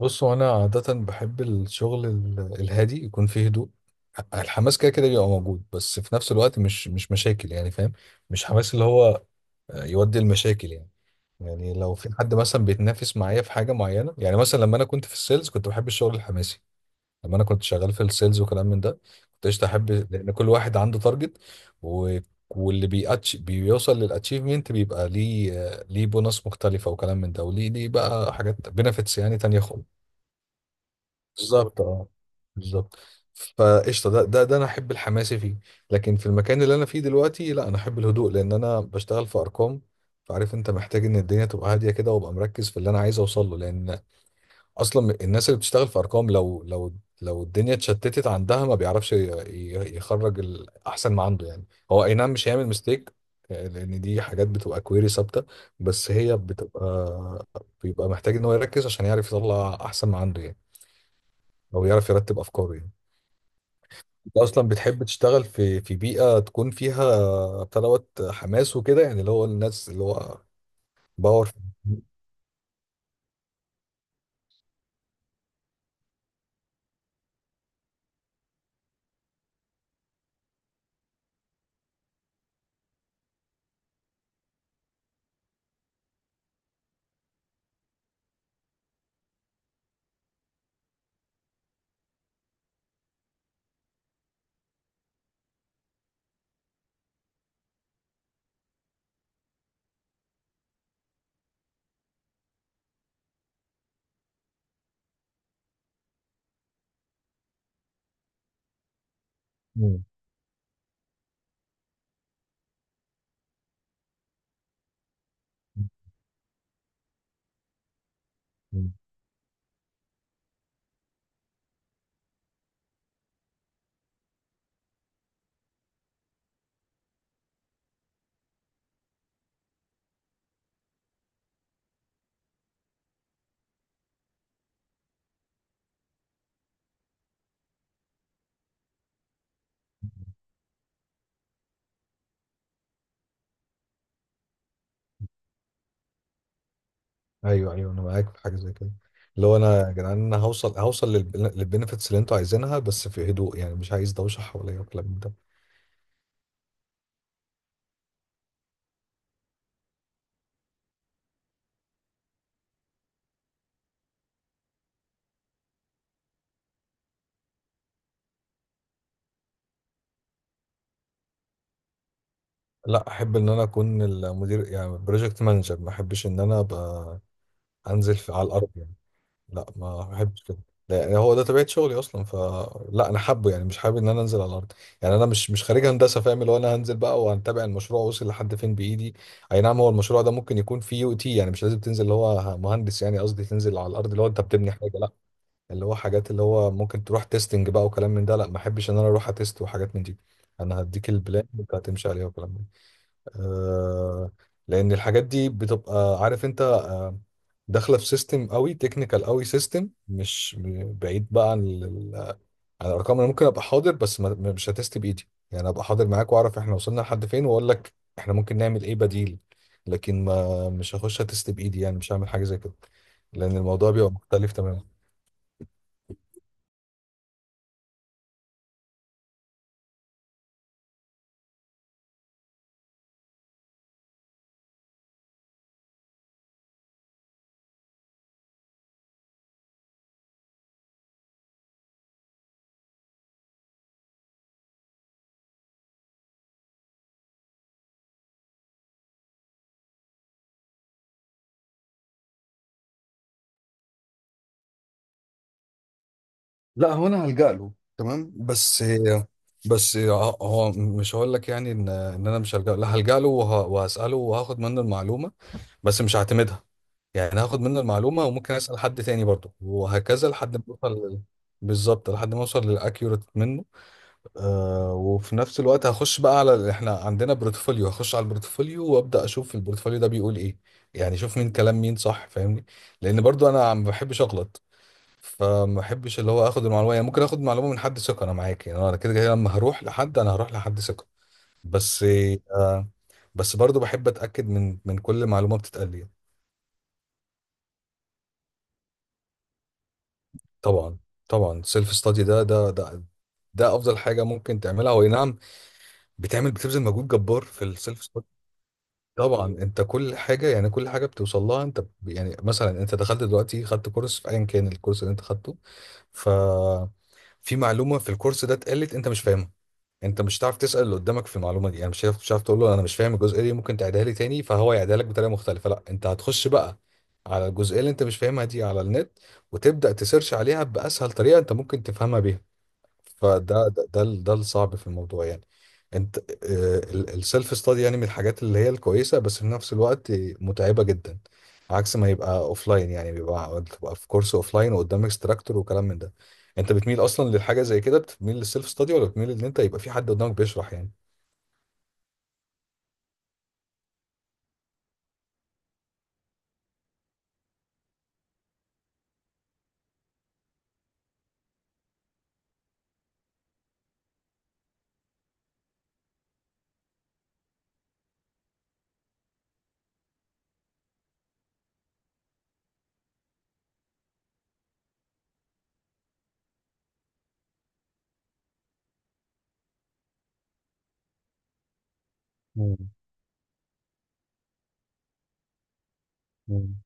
بص، هو انا عاده بحب الشغل الهادي، يكون فيه هدوء. الحماس كده كده بيبقى موجود، بس في نفس الوقت مش مشاكل يعني، فاهم. مش حماس اللي هو يودي المشاكل يعني. يعني لو في حد مثلا بيتنافس معايا في حاجه معينه، يعني مثلا لما انا كنت في السيلز كنت بحب الشغل الحماسي. لما انا كنت شغال في السيلز وكلام من ده، كنت قشطه احب، لان كل واحد عنده تارجت و واللي بيأتش بيوصل للاتشيفمنت بيبقى ليه ليه بونص مختلفه وكلام من ده، وليه بقى حاجات بنفيتس يعني تانية خالص. بالظبط، اه، بالظبط. فقشطه، ده انا احب الحماسي فيه. لكن في المكان اللي انا فيه دلوقتي لا، انا احب الهدوء، لان انا بشتغل في ارقام. فعارف انت، محتاج ان الدنيا تبقى هاديه كده، وابقى مركز في اللي انا عايز اوصل له. لان اصلا الناس اللي بتشتغل في ارقام، لو الدنيا اتشتتت عندها، ما بيعرفش يخرج الاحسن ما عنده يعني. هو اي نعم مش هيعمل ميستيك، لان دي حاجات بتبقى كويري ثابته. بس هي بتبقى بيبقى محتاج ان هو يركز عشان يعرف يطلع احسن ما عنده يعني، او يعرف يرتب افكاره يعني. انت اصلا بتحب تشتغل في بيئه تكون فيها بتاع دوت حماس وكده، يعني اللي هو الناس اللي هو باور. مم. مم. ايوه، ايوه، انا معاك في حاجه زي كده. اللي هو انا يا جدعان، انا هوصل، هوصل للبنفيتس اللي انتوا عايزينها، بس في هدوء يعني، مش عايز دوشه حواليا والكلام من ده. لا، احب ان انا اكون المدير يعني بروجكت مانجر، ما احبش ان انا ابقى انزل في على الارض يعني. لا، ما بحبش كده. لا، هو ده طبيعة شغلي أصلا، فلا أنا حابه، يعني مش حابب إن أنا أنزل على الأرض. يعني أنا مش خريج هندسة، فاهم، اللي هو أنا هنزل بقى وهنتابع المشروع وصل لحد فين بإيدي. أي نعم، هو المشروع ده ممكن يكون فيه يو تي، يعني مش لازم تنزل اللي هو مهندس، يعني قصدي تنزل على الأرض اللي هو أنت بتبني حاجة، لا. اللي هو حاجات اللي هو ممكن تروح تيستنج بقى وكلام من ده، لا، ما أحبش إن أنا أروح أتست وحاجات من دي. أنا هديك البلان وأنت هتمشي عليها وكلام من ده. آه، لان الحاجات دي بتبقى، عارف انت، داخله في سيستم قوي، تكنيكال قوي، سيستم مش م- بعيد بقى عن عن الارقام. انا ممكن ابقى حاضر، بس مش هتست بايدي يعني، ابقى حاضر معاك واعرف احنا وصلنا لحد فين، واقول لك احنا ممكن نعمل ايه بديل. لكن ما مش هخش هتست بايدي يعني، مش هعمل حاجه زي كده، لان الموضوع بيبقى مختلف تماما. لا، هو انا هلجأ له، تمام. بس، بس هو مش هقول لك يعني ان انا مش هلجأ له، لا، هلجأ له وهسأله وهاخد منه المعلومه، بس مش هعتمدها. يعني هاخد منه المعلومة وممكن أسأل حد تاني برضه، وهكذا لحد ما أوصل بالظبط، لحد ما أوصل للأكيوريت منه. آه، وفي نفس الوقت هخش بقى على إحنا عندنا بورتفوليو، هخش على البورتفوليو وأبدأ أشوف البورتفوليو ده بيقول إيه. يعني أشوف مين كلام مين صح، فاهمني، لأن برضه أنا ما بحبش أغلط. فما بحبش اللي هو آخد المعلومة، يعني ممكن آخد معلومة من حد ثقة أنا معاك، يعني أنا كده كده لما هروح لحد أنا هروح لحد ثقة، بس، آه، بس برضه بحب أتأكد من كل معلومة بتتقال لي. طبعا، طبعا، سيلف ستادي، ده افضل حاجه ممكن تعملها، هو أي نعم. بتعمل، بتبذل مجهود جبار في السيلف ستادي. طبعا، انت كل حاجه يعني، كل حاجه بتوصل لها انت، يعني مثلا انت دخلت دلوقتي، خدت كورس في ايا كان الكورس اللي انت خدته، ففي معلومه في الكورس ده اتقالت انت مش فاهمها، انت مش هتعرف تسال اللي قدامك في المعلومه دي. يعني مش هتعرف، مش هتعرف تقول له انا مش فاهم الجزئيه دي، ممكن تعيدها لي تاني فهو يعيدها لك بطريقه مختلفه، لا، انت هتخش بقى على الجزئيه اللي انت مش فاهمها دي على النت، وتبدا تسيرش عليها باسهل طريقه انت ممكن تفهمها بيها. فده ده ده ال- ده الصعب في الموضوع يعني. انت، السيلف ستادي يعني من الحاجات اللي هي الكويسه، بس في نفس الوقت متعبه جدا، عكس ما يبقى اوف لاين يعني، بيبقى تبقى في كورس اوف لاين وقدام اكستراكتور وكلام من ده. انت بتميل اصلا للحاجه زي كده، بتميل للسيلف ستادي، ولا بتميل ان انت يبقى في حد قدامك بيشرح يعني؟ مم. مم.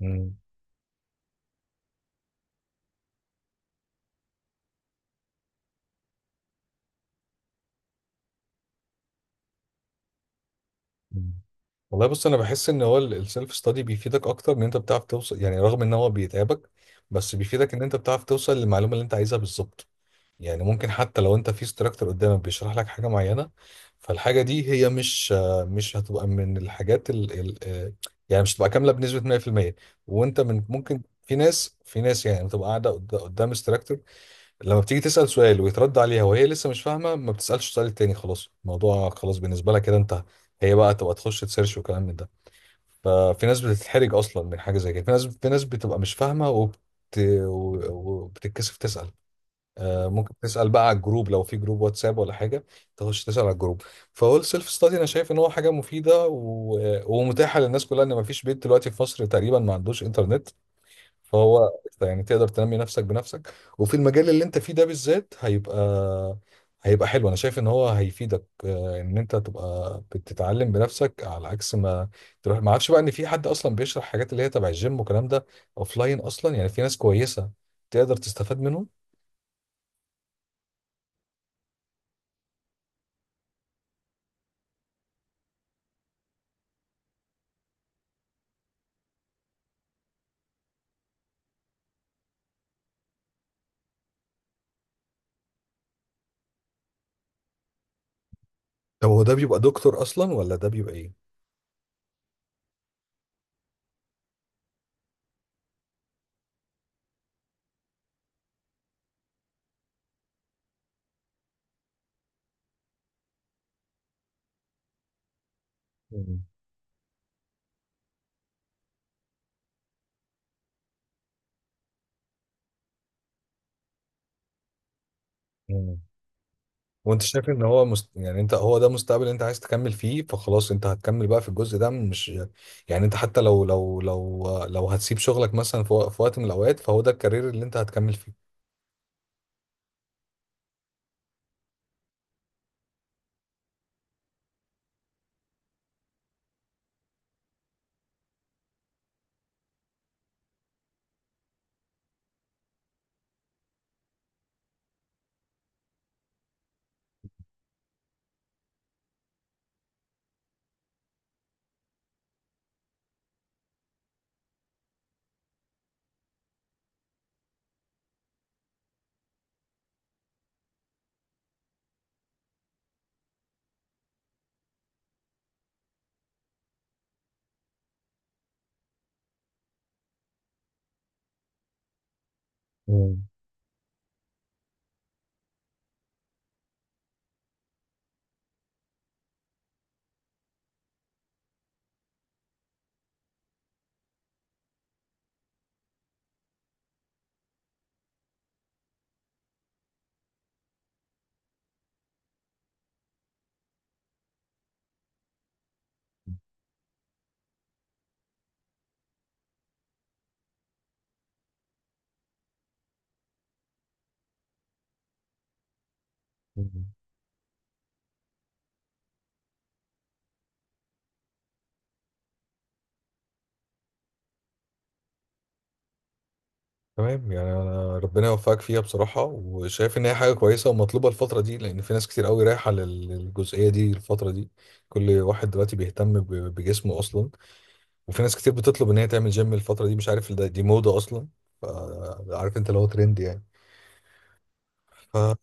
مم. مم. والله بص، انا بحس ان هو السيلف ستادي بيفيدك اكتر، ان انت بتعرف توصل يعني، رغم ان هو بيتعبك، بس بيفيدك ان انت بتعرف توصل للمعلومه اللي انت عايزها بالظبط. يعني ممكن حتى لو انت في instructor قدامك بيشرح لك حاجه معينه، فالحاجه دي هي مش، مش هتبقى من الحاجات ال ال آه، يعني مش هتبقى كامله بنسبه 100%. وانت من، ممكن في ناس، في ناس يعني بتبقى قاعده قدام instructor، لما بتيجي تسال سؤال ويترد عليها وهي لسه مش فاهمه، ما بتسالش السؤال التاني، خلاص الموضوع خلاص بالنسبه لها كده، انتهى. هي بقى تبقى تخش تسيرش وكلام من ده. ففي ناس بتتحرج اصلا من حاجه زي كده، في ناس بتبقى مش فاهمه و- وبتتكسف تسال. آه، ممكن تسأل بقى على الجروب لو في جروب واتساب ولا حاجة، تخش تسأل على الجروب. فهول سيلف ستادي أنا شايف إن هو حاجة مفيدة و... ومتاحة للناس كلها، إن مفيش بيت دلوقتي في مصر تقريبا ما عندوش إنترنت. فهو يعني تقدر تنمي نفسك بنفسك. وفي المجال اللي أنت فيه ده بالذات هيبقى، هيبقى حلو. أنا شايف إن هو هيفيدك، آه، إن أنت تبقى بتتعلم بنفسك، على عكس ما تروح، ما أعرفش بقى إن في حد أصلا بيشرح حاجات اللي هي تبع الجيم والكلام ده أوفلاين، أصلا يعني في ناس كويسة تقدر تستفاد منهم. طب هو ده بيبقى دكتور اصلا، ولا ده بيبقى ايه؟ مم. مم. وانت شايف ان هو يعني انت، هو ده مستقبل انت عايز تكمل فيه، فخلاص انت هتكمل بقى في الجزء ده، مش يعني، انت حتى لو هتسيب شغلك مثلا في وقت من الاوقات، فهو ده الكارير اللي انت هتكمل فيه. مم. مم. تمام، يعني أنا ربنا يوفقك فيها بصراحة، وشايف إن هي حاجة كويسة ومطلوبة الفترة دي، لأن في ناس كتير قوي رايحة للجزئية دي الفترة دي. كل واحد دلوقتي بيهتم بجسمه أصلا، وفي ناس كتير بتطلب ان هي تعمل جيم الفتره دي، مش عارف ده دي موضه اصلا. ف- عارف انت اللي هو ترند يعني. ف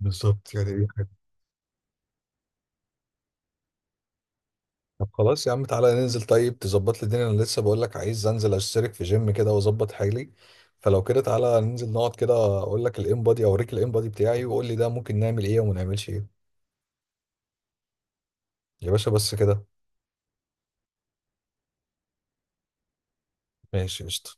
بالظبط، يعني دي حاجة. طب خلاص يا عم، تعالى ننزل، طيب تظبط لي الدنيا، انا لسه بقول لك عايز انزل اشترك في جيم كده واظبط حالي. فلو كده تعالى ننزل نقعد كده، اقول لك الام بادي اوريك الام بادي بتاعي، وقول لي ده ممكن نعمل ايه وما نعملش ايه. يا باشا بس كده. ماشي، قشطه.